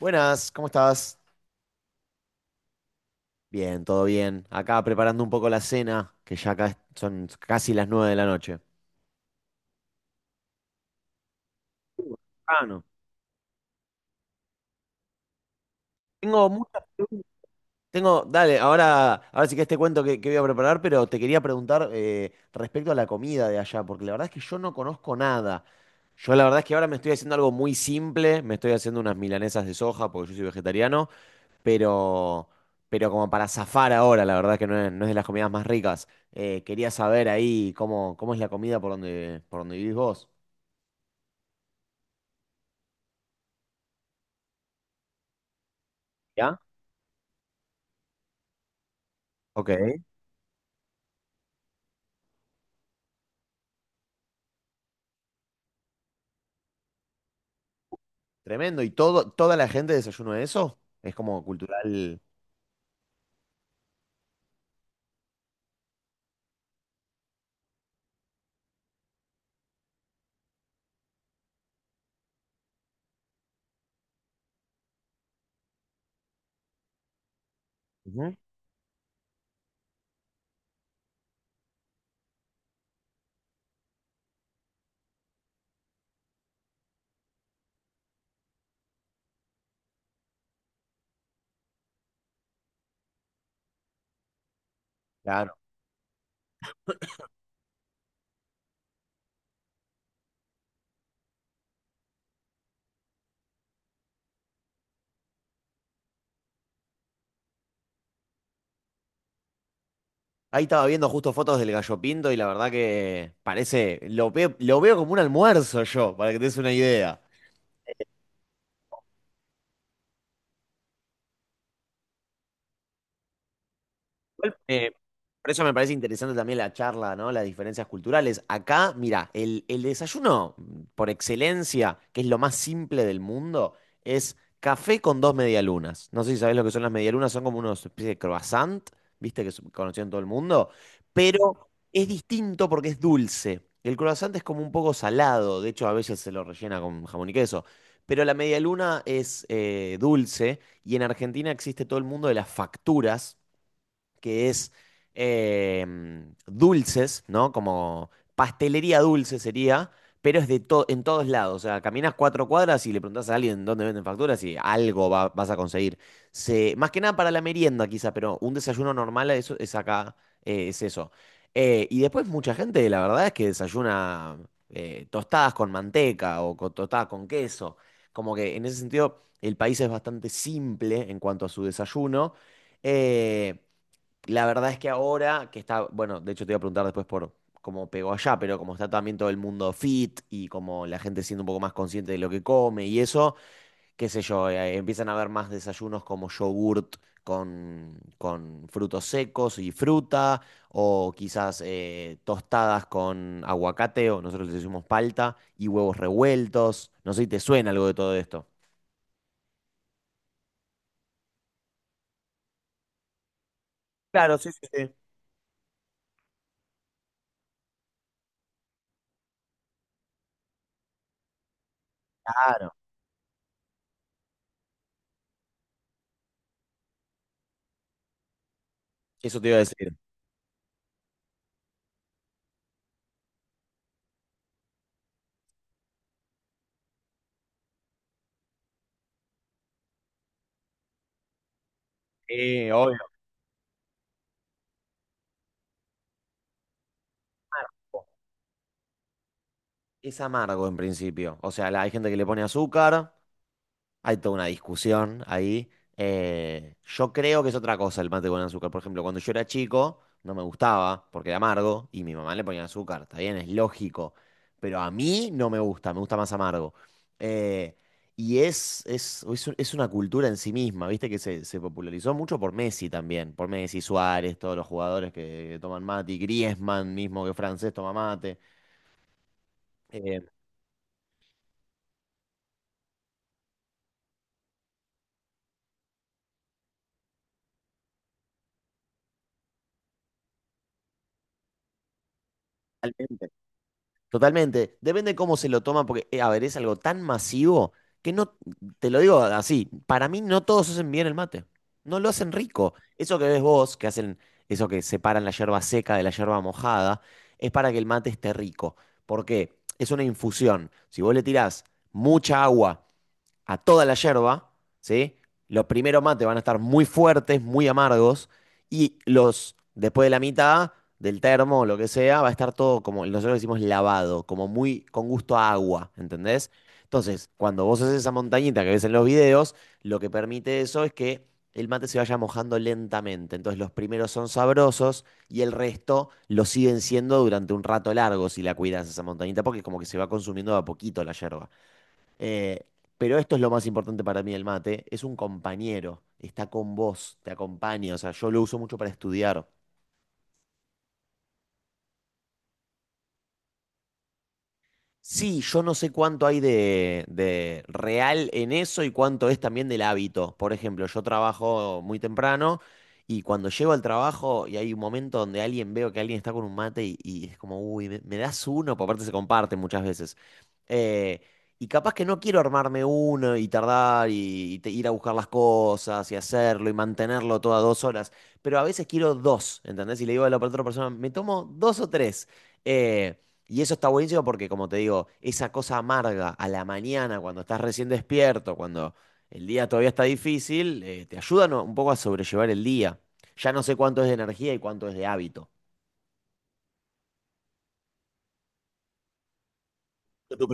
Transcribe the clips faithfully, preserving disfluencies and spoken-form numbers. Buenas, ¿cómo estás? Bien, todo bien. Acá preparando un poco la cena, que ya acá son casi las nueve de la noche. Uh, Ah, no. Tengo muchas preguntas. Tengo, dale, ahora, ahora sí que te cuento qué, qué voy a preparar, pero te quería preguntar eh, respecto a la comida de allá, porque la verdad es que yo no conozco nada. Yo la verdad es que ahora me estoy haciendo algo muy simple, me estoy haciendo unas milanesas de soja, porque yo soy vegetariano, pero, pero como para zafar ahora, la verdad que no es, no es de las comidas más ricas. Eh, quería saber ahí cómo, cómo es la comida por donde, por donde vivís vos. ¿Ya? Ok. Tremendo. ¿Y todo, toda la gente desayuno de eso? Es como cultural. Ujú. Claro. Ahí estaba viendo justo fotos del gallo pinto y la verdad que parece, lo veo, lo veo como un almuerzo yo, para que te des una idea. Igual, eh, por eso me parece interesante también la charla, ¿no? Las diferencias culturales. Acá, mira, el, el desayuno mm, por excelencia, que es lo más simple del mundo, es café con dos medialunas. No sé si sabés lo que son las medialunas, son como una especie de croissant, viste, que conocían todo el mundo, pero es distinto porque es dulce. El croissant es como un poco salado, de hecho a veces se lo rellena con jamón y queso. Pero la medialuna es eh, dulce y en Argentina existe todo el mundo de las facturas que es eh, dulces, ¿no? Como pastelería dulce sería, pero es de to- en todos lados. O sea, caminas cuatro cuadras y le preguntas a alguien dónde venden facturas y algo va- vas a conseguir. Se, más que nada para la merienda, quizá, pero un desayuno normal eso, es acá, eh, es eso. Eh, y después mucha gente, la verdad es que desayuna eh, tostadas con manteca o con, tostadas con queso. Como que en ese sentido el país es bastante simple en cuanto a su desayuno. Eh, la verdad es que ahora que está, bueno, de hecho te iba a preguntar después por cómo pegó allá, pero como está también todo el mundo fit y como la gente siendo un poco más consciente de lo que come y eso, qué sé yo, eh, eh, empiezan a haber más desayunos como yogurt con, con frutos secos y fruta, o quizás eh, tostadas con aguacate, o nosotros le decimos palta, y huevos revueltos. No sé si te suena algo de todo esto. Claro, sí, sí, sí. Claro. Eso te iba a decir. Sí, obvio. Es amargo en principio. O sea, la- hay gente que le pone azúcar, hay toda una discusión ahí. Eh, yo creo que es otra cosa el mate con azúcar. Por ejemplo, cuando yo era chico, no me gustaba porque era amargo y mi mamá le ponía azúcar. Está bien, es lógico. Pero a mí no me gusta, me gusta más amargo. Eh, y es, es, es, un- es una cultura en sí misma, ¿viste? Que se, se popularizó mucho por Messi también. Por Messi, Suárez, todos los jugadores que, que toman mate. Y Griezmann mismo, que es francés, toma mate. Eh, Totalmente. Depende cómo se lo toman, porque, eh, a ver, es algo tan masivo que no, te lo digo así, para mí no todos hacen bien el mate. No lo hacen rico. Eso que ves vos, que hacen, eso que separan la yerba seca de la yerba mojada, es para que el mate esté rico. ¿Por qué? Es una infusión. Si vos le tirás mucha agua a toda la yerba, ¿sí? Los primeros mates van a estar muy fuertes, muy amargos, y los, después de la mitad del termo o lo que sea, va a estar todo como, nosotros decimos lavado, como muy con gusto a agua, ¿entendés? Entonces, cuando vos haces esa montañita que ves en los videos, lo que permite eso es que el mate se vaya mojando lentamente. Entonces, los primeros son sabrosos y el resto lo siguen siendo durante un rato largo si la cuidas esa montañita, porque como que se va consumiendo de a poquito la yerba. Eh, pero esto es lo más importante para mí, el mate. Es un compañero, está con vos, te acompaña. O sea, yo lo uso mucho para estudiar. Sí, yo no sé cuánto hay de, de real en eso y cuánto es también del hábito. Por ejemplo, yo trabajo muy temprano y cuando llego al trabajo y hay un momento donde alguien veo que alguien está con un mate y, y es como, uy, me, me das uno, porque aparte se comparte muchas veces. Eh, y capaz que no quiero armarme uno y tardar y, y te- ir a buscar las cosas y hacerlo y mantenerlo todas dos horas, pero a veces quiero dos, ¿entendés? Y le digo a la otra persona, me tomo dos o tres. Eh, y eso está buenísimo porque, como te digo, esa cosa amarga a la mañana, cuando estás recién despierto, cuando el día todavía está difícil, eh, te ayudan un poco a sobrellevar el día. Ya no sé cuánto es de energía y cuánto es de hábito. Yo te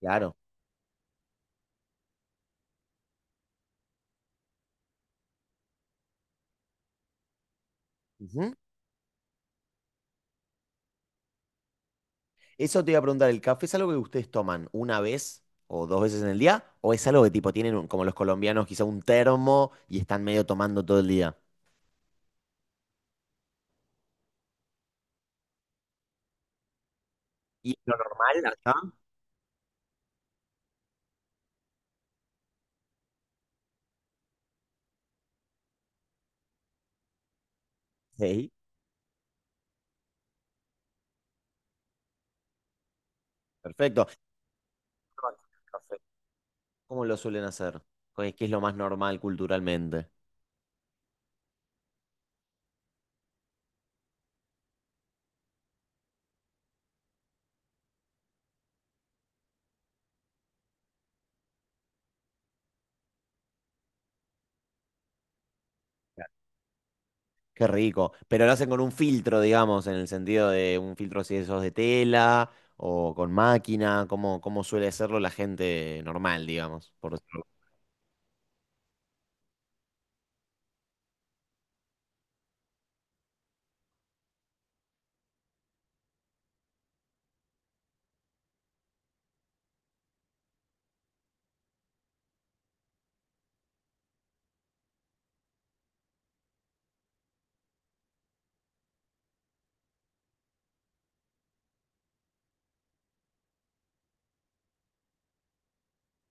claro. Ujú. Eso te iba a preguntar, ¿el café es algo que ustedes toman una vez o dos veces en el día? ¿O es algo que tipo tienen, un- como los colombianos, quizá un termo y están medio tomando todo el día? ¿Y lo normal acá? Sí. Perfecto. ¿Cómo lo suelen hacer? Pues, ¿qué es lo más normal culturalmente? Qué rico. Pero lo hacen con un filtro, digamos, en el sentido de un filtro si eso es de tela o con máquina, como, como suele hacerlo la gente normal, digamos, por decirlo.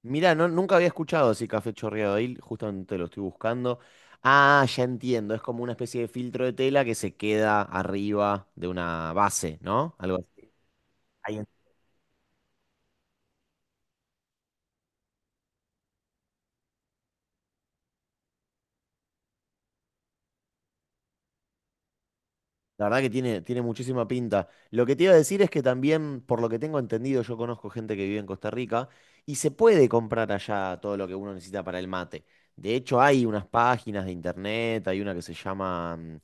Mirá, no, nunca había escuchado así café chorreado ahí, justamente lo estoy buscando. Ah, ya entiendo, es como una especie de filtro de tela que se queda arriba de una base, ¿no? Algo así. La verdad que tiene, tiene muchísima pinta. Lo que te iba a decir es que también, por lo que tengo entendido, yo conozco gente que vive en Costa Rica y se puede comprar allá todo lo que uno necesita para el mate. De hecho, hay unas páginas de internet, hay una que se llama mm,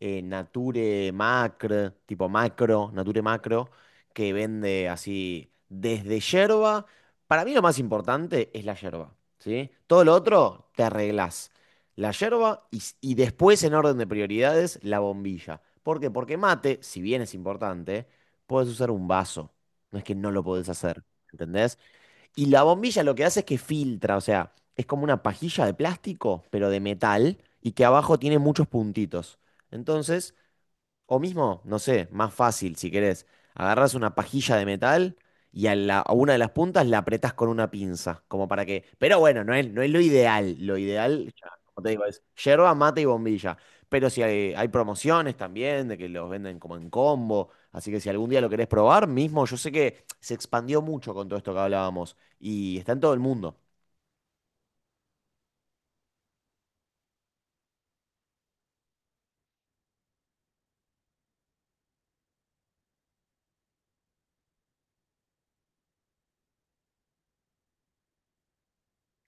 eh, Nature Macro, tipo macro, Nature Macro, que vende así desde yerba. Para mí lo más importante es la yerba, ¿sí? Todo lo otro te arreglás. La yerba y, s- y después en orden de prioridades la bombilla. ¿Por qué? Porque mate, si bien es importante, puedes usar un vaso. No es que no lo podés hacer, ¿entendés? Y la bombilla lo que hace es que filtra, o sea, es como una pajilla de plástico, pero de metal, y que abajo tiene muchos puntitos. Entonces, o mismo, no sé, más fácil si querés. Agarrás una pajilla de metal y a, la- a una de las puntas la apretás con una pinza, como para que... Pero bueno, no es, no es lo ideal. Lo ideal, ya, como te digo, es yerba, mate y bombilla. Pero si hay, hay promociones también, de que los venden como en combo. Así que si algún día lo querés probar, mismo, yo sé que se expandió mucho con todo esto que hablábamos. Y está en todo el mundo.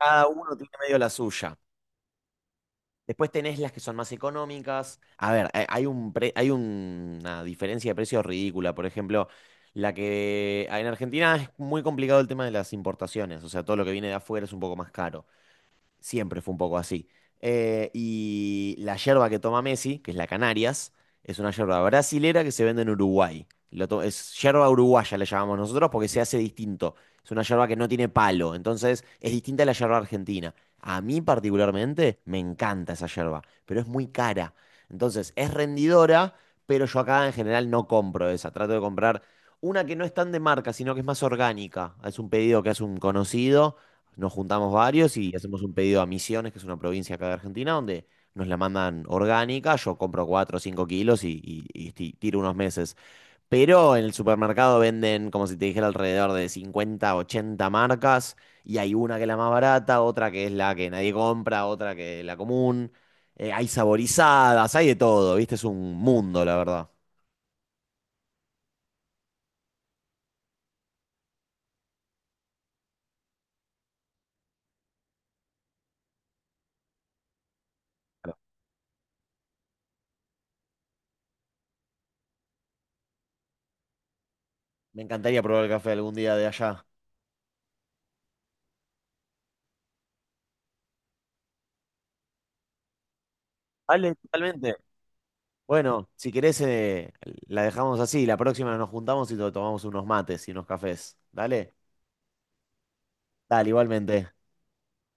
Cada uno tiene medio la suya. Después tenés las que son más económicas. A ver, hay hay un pre- hay un- una diferencia de precios ridícula. Por ejemplo, la que en Argentina es muy complicado el tema de las importaciones. O sea, todo lo que viene de afuera es un poco más caro siempre fue un poco así. Eh, y la yerba que toma Messi, que es la Canarias, es una yerba brasilera que se vende en Uruguay. Lo to- es yerba uruguaya, le llamamos nosotros, porque se hace distinto. Es una yerba que no tiene palo, entonces es distinta a la yerba argentina. A mí particularmente me encanta esa yerba, pero es muy cara. Entonces es rendidora, pero yo acá en general no compro esa. Trato de comprar una que no es tan de marca, sino que es más orgánica. Es un pedido que hace un conocido nos juntamos varios y hacemos un pedido a Misiones, que es una provincia acá de Argentina, donde nos la mandan orgánica. Yo compro cuatro o cinco kilos y, y- y ti- tiro unos meses. Pero en el supermercado venden, como si te dijera, alrededor de cincuenta, ochenta marcas. Y hay una que es la más barata, otra que es la que nadie compra, otra que es la común. Eh, hay saborizadas, hay de todo, ¿viste? Es un mundo, la verdad. Me encantaría probar el café algún día de allá. Vale, totalmente. Bueno, si querés, eh, la dejamos así. La próxima nos juntamos y to- tomamos unos mates y unos cafés. Dale, dale, igualmente.